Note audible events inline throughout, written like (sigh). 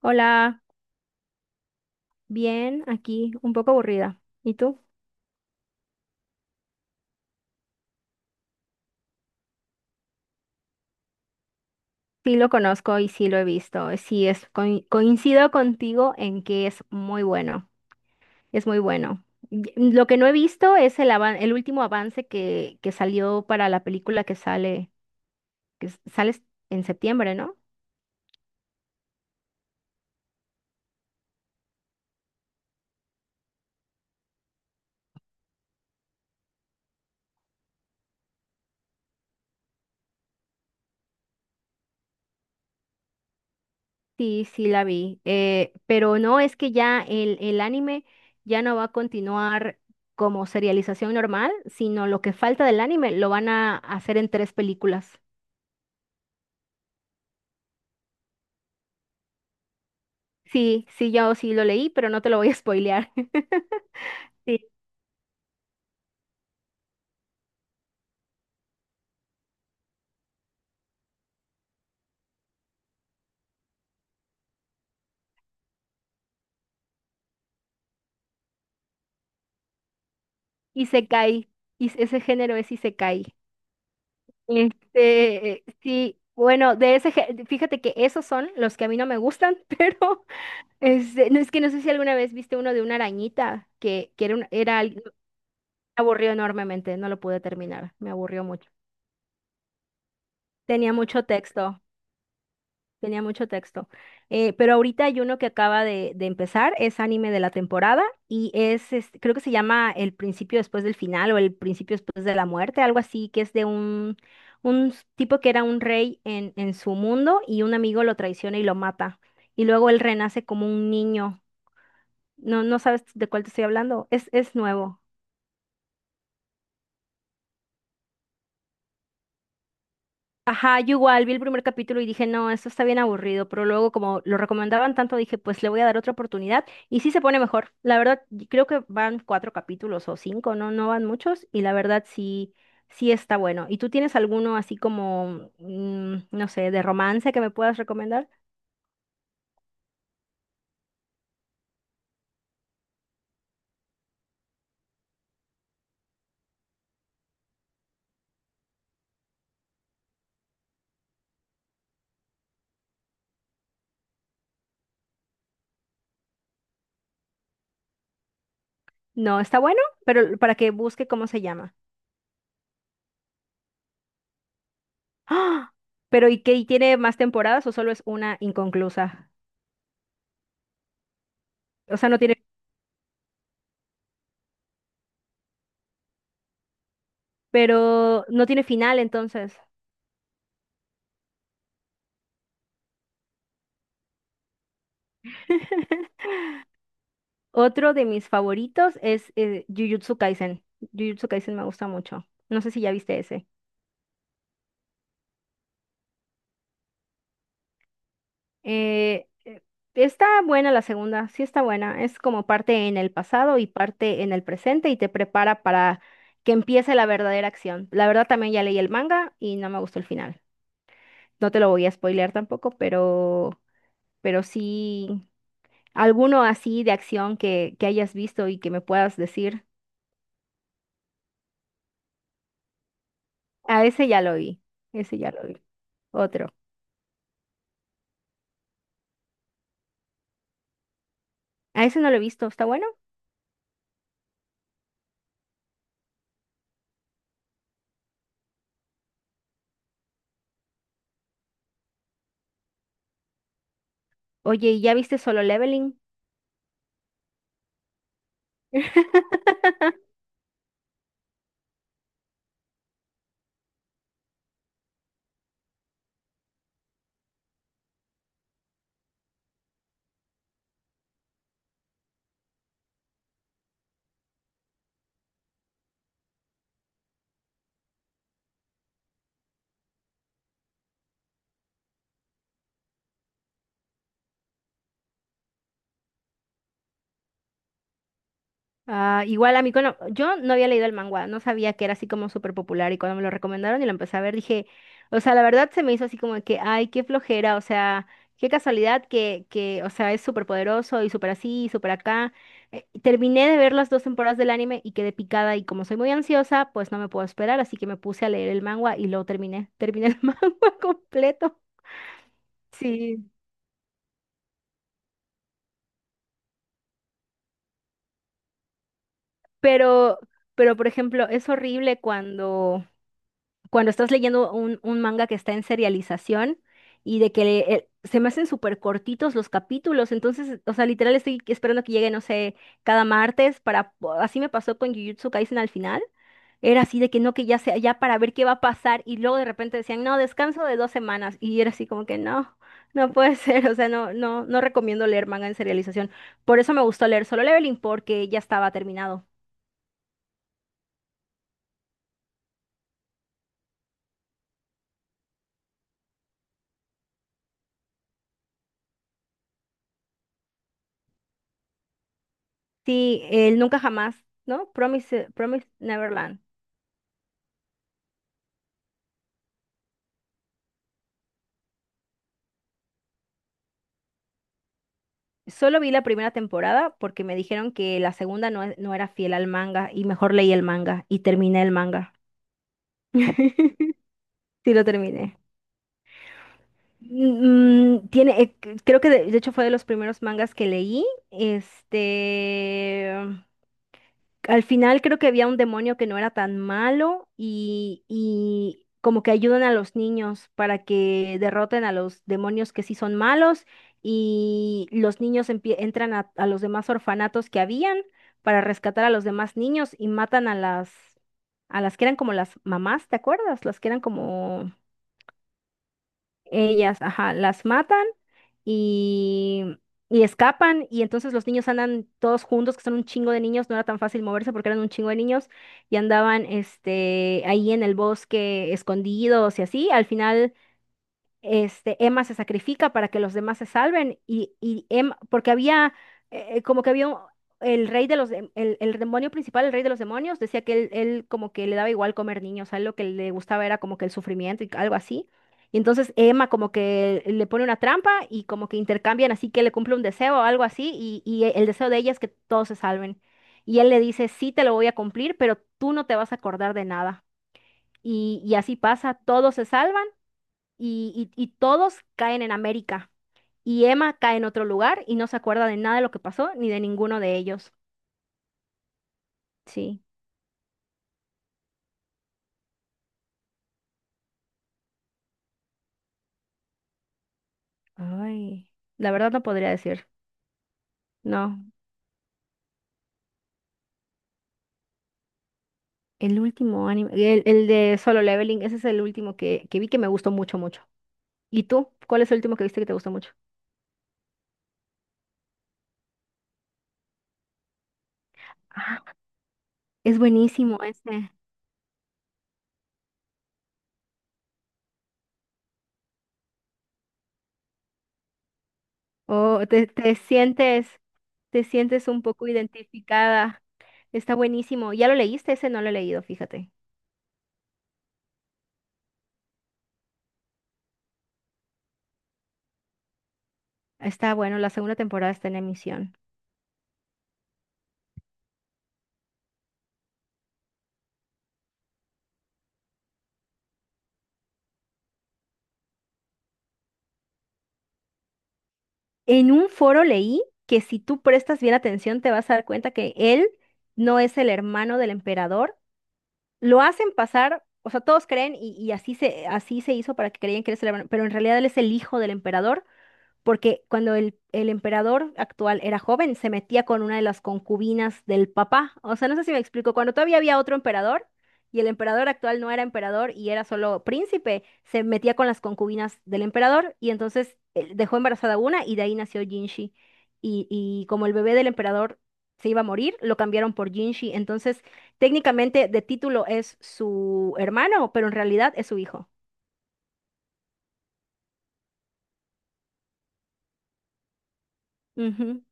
Hola, bien, aquí un poco aburrida. ¿Y tú? Sí lo conozco y sí lo he visto. Sí, coincido contigo en que es muy bueno. Es muy bueno. Lo que no he visto es el último avance que salió para la película que sale, que s- sale s- en septiembre, ¿no? Sí, sí la vi. Pero no, es que ya el anime ya no va a continuar como serialización normal, sino lo que falta del anime lo van a hacer en 3 películas. Sí, sí, yo sí lo leí, pero no te lo voy a spoilear. (laughs) Sí, Isekai. Y ese género es Isekai. Sí, bueno, fíjate que esos son los que a mí no me gustan, (laughs) pero no es que no sé si alguna vez viste uno de una arañita que era, un- era, al- me aburrió enormemente, no lo pude terminar, me aburrió mucho. Tenía mucho texto. Tenía mucho texto. Pero ahorita hay uno que acaba de empezar, es anime de la temporada y es, este, creo que se llama El principio después del final o El principio después de la muerte, algo así, que es de un tipo que era un rey en su mundo y un amigo lo traiciona y lo mata. Y luego él renace como un niño. No, no sabes de cuál te estoy hablando. Es nuevo. Ajá, yo igual vi el primer capítulo y dije, no, esto está bien aburrido, pero luego como lo recomendaban tanto, dije, pues le voy a dar otra oportunidad y sí se pone mejor. La verdad, y creo que van cuatro capítulos o cinco, no, no van muchos y la verdad sí, sí está bueno. ¿Y tú tienes alguno así como, no sé, de romance que me puedas recomendar? No, está bueno, pero para que busque cómo se llama. ¡Ah! Pero ¿y qué? ¿Y tiene más temporadas o solo es una inconclusa? O sea, no tiene, pero no tiene final entonces. (laughs) Otro de mis favoritos es Jujutsu Kaisen. Jujutsu Kaisen me gusta mucho. No sé si ya viste ese. Eh, eh, Está buena la segunda, sí está buena. Es como parte en el pasado y parte en el presente y te prepara para que empiece la verdadera acción. La verdad también ya leí el manga y no me gustó el final. No te lo voy a spoilear tampoco, pero sí, alguno así de acción que hayas visto y que me puedas decir. A ese ya lo vi, ese ya lo vi. Otro. A ese no lo he visto, ¿está bueno? Oye, ¿y ya viste Solo Leveling? (laughs) Ah, igual a mí, cuando, yo no había leído el manga, no sabía que era así como súper popular y cuando me lo recomendaron y lo empecé a ver, dije, o sea, la verdad se me hizo así como de que, ay, qué flojera, o sea, qué casualidad que o sea, es súper poderoso y súper así y súper acá. Terminé de ver las 2 temporadas del anime y quedé picada y como soy muy ansiosa, pues no me puedo esperar, así que me puse a leer el manga y lo terminé, terminé el (laughs) manga completo. Sí, Pero, pero por ejemplo, es horrible cuando, cuando estás leyendo un manga que está en serialización y de que se me hacen súper cortitos los capítulos. Entonces, o sea, literal estoy esperando que llegue, no sé, cada martes así me pasó con Jujutsu Kaisen al final. Era así de que no, que ya sea, ya para ver qué va a pasar. Y luego de repente decían, no, descanso de 2 semanas. Y era así como que no, no puede ser. (laughs) O sea, no, no, no recomiendo leer manga en serialización. Por eso me gustó leer Solo Leveling, porque ya estaba terminado. Sí, el Nunca Jamás, ¿no? Promise, Promise Neverland. Solo vi la primera temporada porque me dijeron que la segunda no, no era fiel al manga y mejor leí el manga y terminé el manga. (laughs) Sí, lo terminé. Tiene, creo que de hecho fue de los primeros mangas que leí. Este, al final creo que había un demonio que no era tan malo y como que ayudan a los niños para que derroten a los demonios que sí son malos y los niños entran a los demás orfanatos que habían para rescatar a los demás niños y matan a las que eran como las mamás, ¿te acuerdas? Las que eran como ellas, ajá, las matan y, y escapan y entonces los niños andan todos juntos, que son un chingo de niños, no era tan fácil moverse porque eran un chingo de niños y andaban este, ahí en el bosque escondidos y así. Al final este, Emma se sacrifica para que los demás se salven y Emma, porque había, como que el rey de el demonio principal, el rey de los demonios, decía que él como que le daba igual comer niños, a él lo que le gustaba era como que el sufrimiento y algo así. Y entonces Emma como que le pone una trampa y como que intercambian así que le cumple un deseo o algo así y el deseo de ella es que todos se salven. Y él le dice, sí te lo voy a cumplir, pero tú no te vas a acordar de nada. Y así pasa, todos se salvan y, y todos caen en América. Y Emma cae en otro lugar y no se acuerda de nada de lo que pasó ni de ninguno de ellos. Sí. Ay, la verdad no podría decir. No, el último anime, el de Solo Leveling, ese es el último que vi que me gustó mucho, mucho. ¿Y tú? ¿Cuál es el último que viste que te gustó mucho? Ah, es buenísimo ese. Oh, te sientes un poco identificada. Está buenísimo. ¿Ya lo leíste? Ese no lo he leído, fíjate. Está bueno, la segunda temporada está en emisión. En un foro leí que si tú prestas bien atención te vas a dar cuenta que él no es el hermano del emperador. Lo hacen pasar, o sea, todos creen y así se hizo para que creían que él es el hermano, pero en realidad él es el hijo del emperador porque cuando el emperador actual era joven, se metía con una de las concubinas del papá. O sea, no sé si me explico, cuando todavía había otro emperador y el emperador actual no era emperador y era solo príncipe, se metía con las concubinas del emperador y entonces dejó embarazada una y de ahí nació Jinshi. Y como el bebé del emperador se iba a morir, lo cambiaron por Jinshi. Entonces, técnicamente de título es su hermano, pero en realidad es su hijo. Ujú,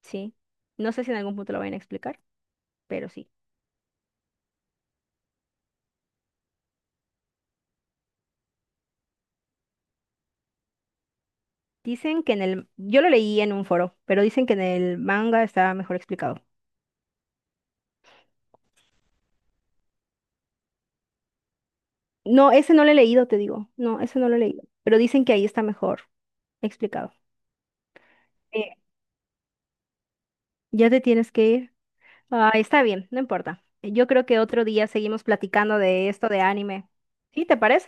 sí. No sé si en algún punto lo vayan a explicar, pero sí. Dicen que en el... Yo lo leí en un foro, pero dicen que en el manga está mejor explicado. No, ese no lo he leído, te digo. No, ese no lo he leído. Pero dicen que ahí está mejor explicado. Eh, ya te tienes que ir. Ah, está bien, no importa. Yo creo que otro día seguimos platicando de esto de anime. ¿Sí, te parece?